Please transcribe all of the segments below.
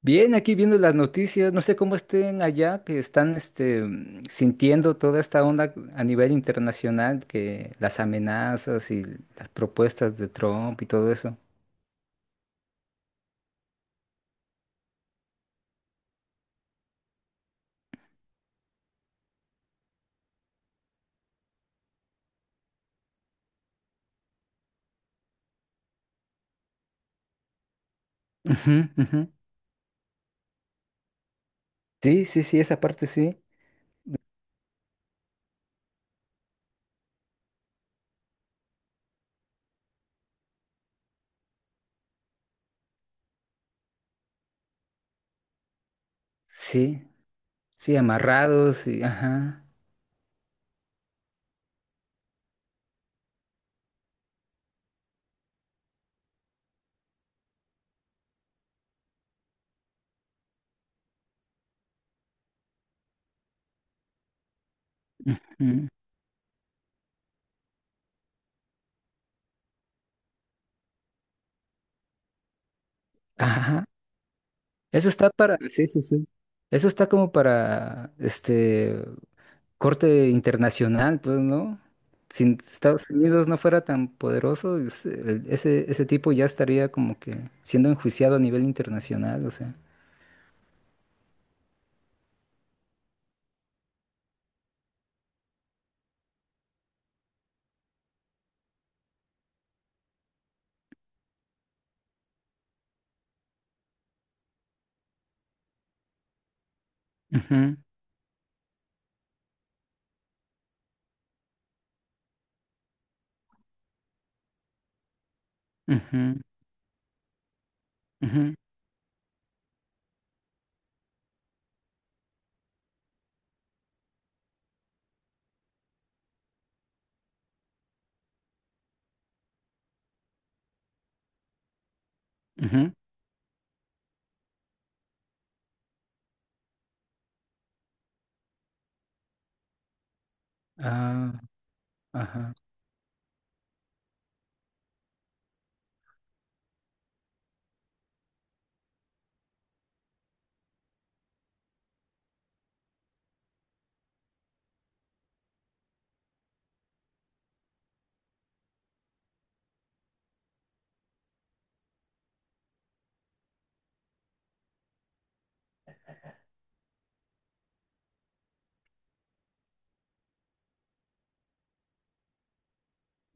Bien, aquí viendo las noticias, no sé cómo estén allá, que están sintiendo toda esta onda a nivel internacional, que las amenazas y las propuestas de Trump y todo eso. Ujú, ujú. Sí, sí, sí, esa parte sí. Sí, sí, amarrados y ajá. Mm. Ajá. Eso está para, sí, sí, sí. Eso está como para este corte internacional, pues, ¿no? Si Estados Unidos no fuera tan poderoso, ese tipo ya estaría como que siendo enjuiciado a nivel internacional, o sea. Ujú, ujú, ujú, ujú. Ah, ajá.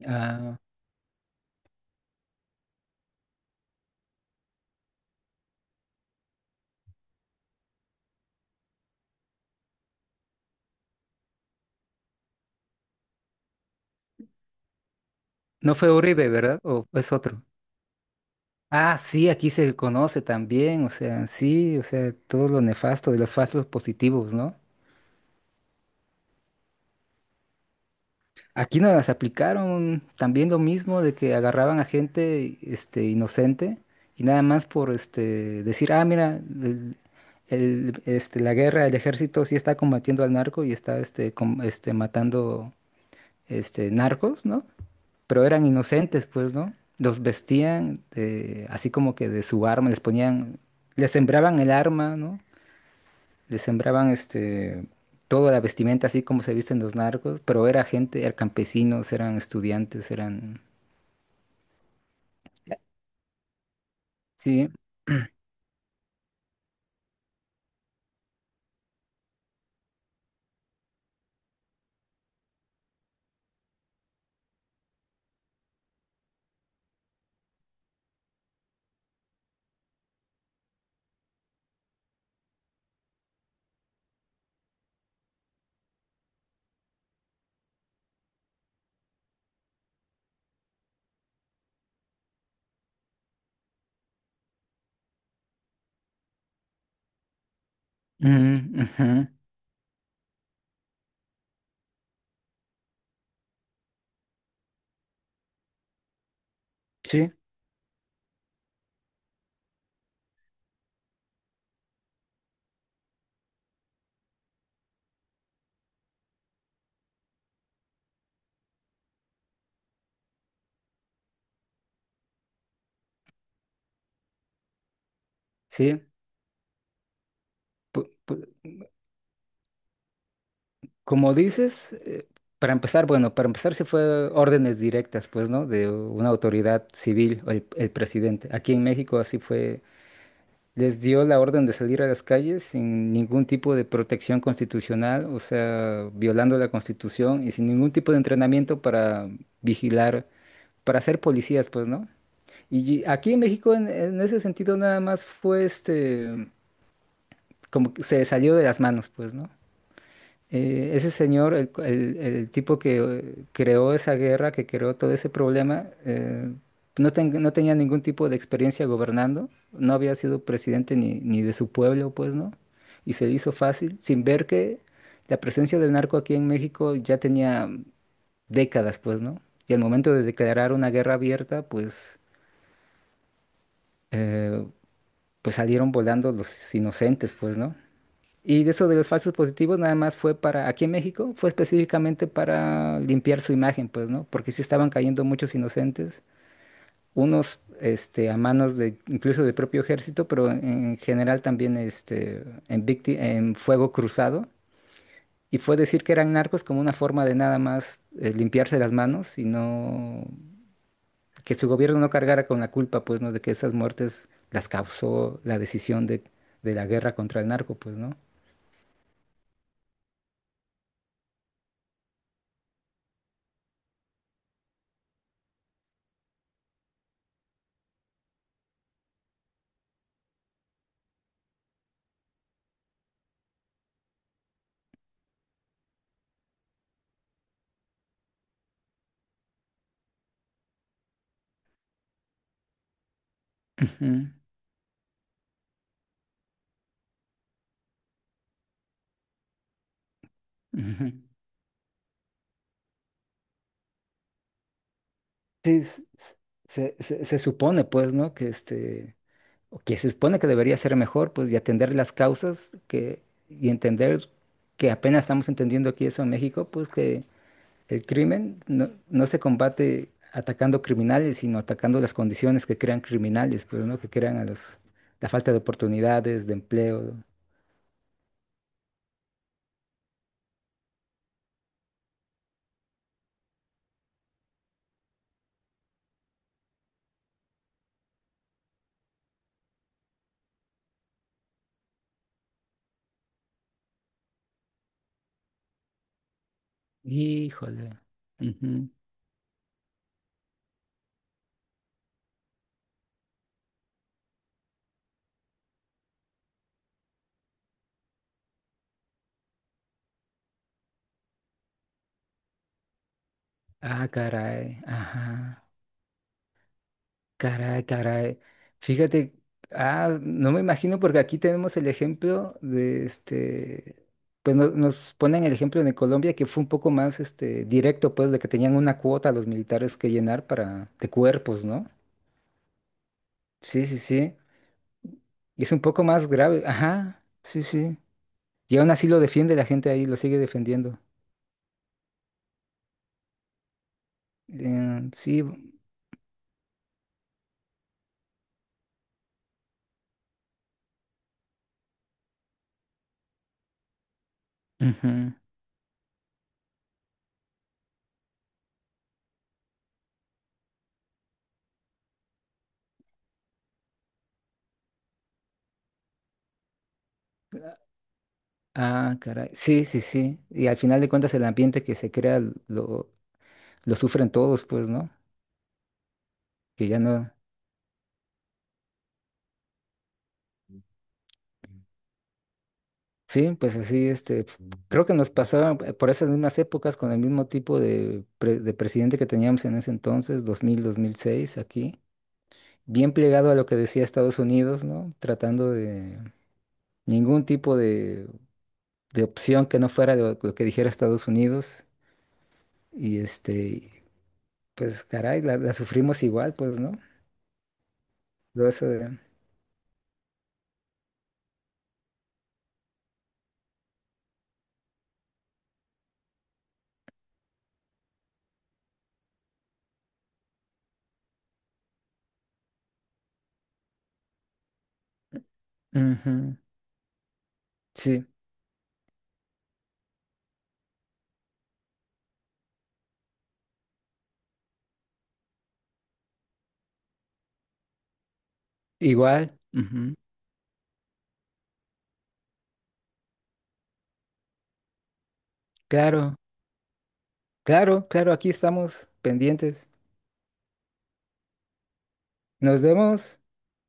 Ah, ¿no fue Uribe, verdad? ¿O es otro? Ah, sí, aquí se conoce también, o sea, sí, o sea, todo lo nefasto de los falsos positivos, ¿no? Aquí nos las aplicaron también lo mismo de que agarraban a gente este, inocente y nada más por este, decir, ah, mira, este, la guerra, el ejército sí está combatiendo al narco y está este, este, matando este, narcos, ¿no? Pero eran inocentes, pues, ¿no? Así como que de su arma, les ponían, les sembraban el arma, ¿no? Le sembraban este, toda la vestimenta así como se visten los narcos, pero era gente, eran campesinos, eran estudiantes, eran... Sí, ujú, ujú. Sí, sí. pu- pu- Como dices, para empezar, bueno, para empezar se fue órdenes directas, pues, ¿no? De una autoridad civil, o el presidente. Aquí en México así fue, les dio la orden de salir a las calles sin ningún tipo de protección constitucional, o sea, violando la constitución y sin ningún tipo de entrenamiento para vigilar, para ser policías, pues, ¿no? Y aquí en México, en ese sentido, nada más fue este, como que se salió de las manos, pues, ¿no? Ese señor, el tipo que creó esa guerra, que creó todo ese problema, no, no tenía ningún tipo de experiencia gobernando, no había sido presidente ni de su pueblo, pues, ¿no? Y se le hizo fácil, sin ver que la presencia del narco aquí en México ya tenía décadas, pues, ¿no? Y al momento de declarar una guerra abierta, pues, eh, pues salieron volando los inocentes, pues, ¿no? Y de eso de los falsos positivos nada más fue para, aquí en México, fue específicamente para limpiar su imagen, pues, ¿no? Porque sí estaban cayendo muchos inocentes, unos, este, a manos de, incluso del propio ejército, pero en general también, este, en fuego cruzado. Y fue decir que eran narcos como una forma de nada más limpiarse las manos y no, que su gobierno no cargara con la culpa, pues, ¿no? De que esas muertes las causó la decisión de la guerra contra el narco, pues, ¿no? Ujú, ujú. Sí, se supone, pues, ¿no? Que este, o que se supone que debería ser mejor, pues, y atender las causas que, y entender que apenas estamos entendiendo aquí eso en México, pues, que el crimen no, no se combate atacando criminales, sino atacando las condiciones que crean criminales, pues, ¿no? Que crean a los, la falta de oportunidades, de empleo. Híjole. Ujú. Ah, caray. Ajá. Caray, caray. Fíjate, ah, no me imagino porque aquí tenemos el ejemplo de este, pues nos ponen el ejemplo de Colombia que fue un poco más este directo, pues, de que tenían una cuota los militares que llenar para de cuerpos, ¿no? Sí, sí, sí. Y es un poco más grave. Ajá, sí, sí. Y aún así lo defiende la gente ahí, lo sigue defendiendo. Sí. Ujú. Ah, caray. Sí, sí, sí. Y al final de cuentas el ambiente que se crea lo, lo sufren todos, pues, ¿no? Que ya no. Sí, pues así, este, pues, creo que nos pasaba por esas mismas épocas con el mismo tipo de, de presidente que teníamos en ese entonces, 2006 aquí, bien plegado a lo que decía Estados Unidos, ¿no? Tratando de ningún tipo de opción que no fuera lo que dijera Estados Unidos. Y este, pues caray, la sufrimos igual, pues, ¿no? Todo eso de... Ujú. Sí, igual. Ujú. Claro, claro, claro, aquí estamos pendientes. Nos vemos.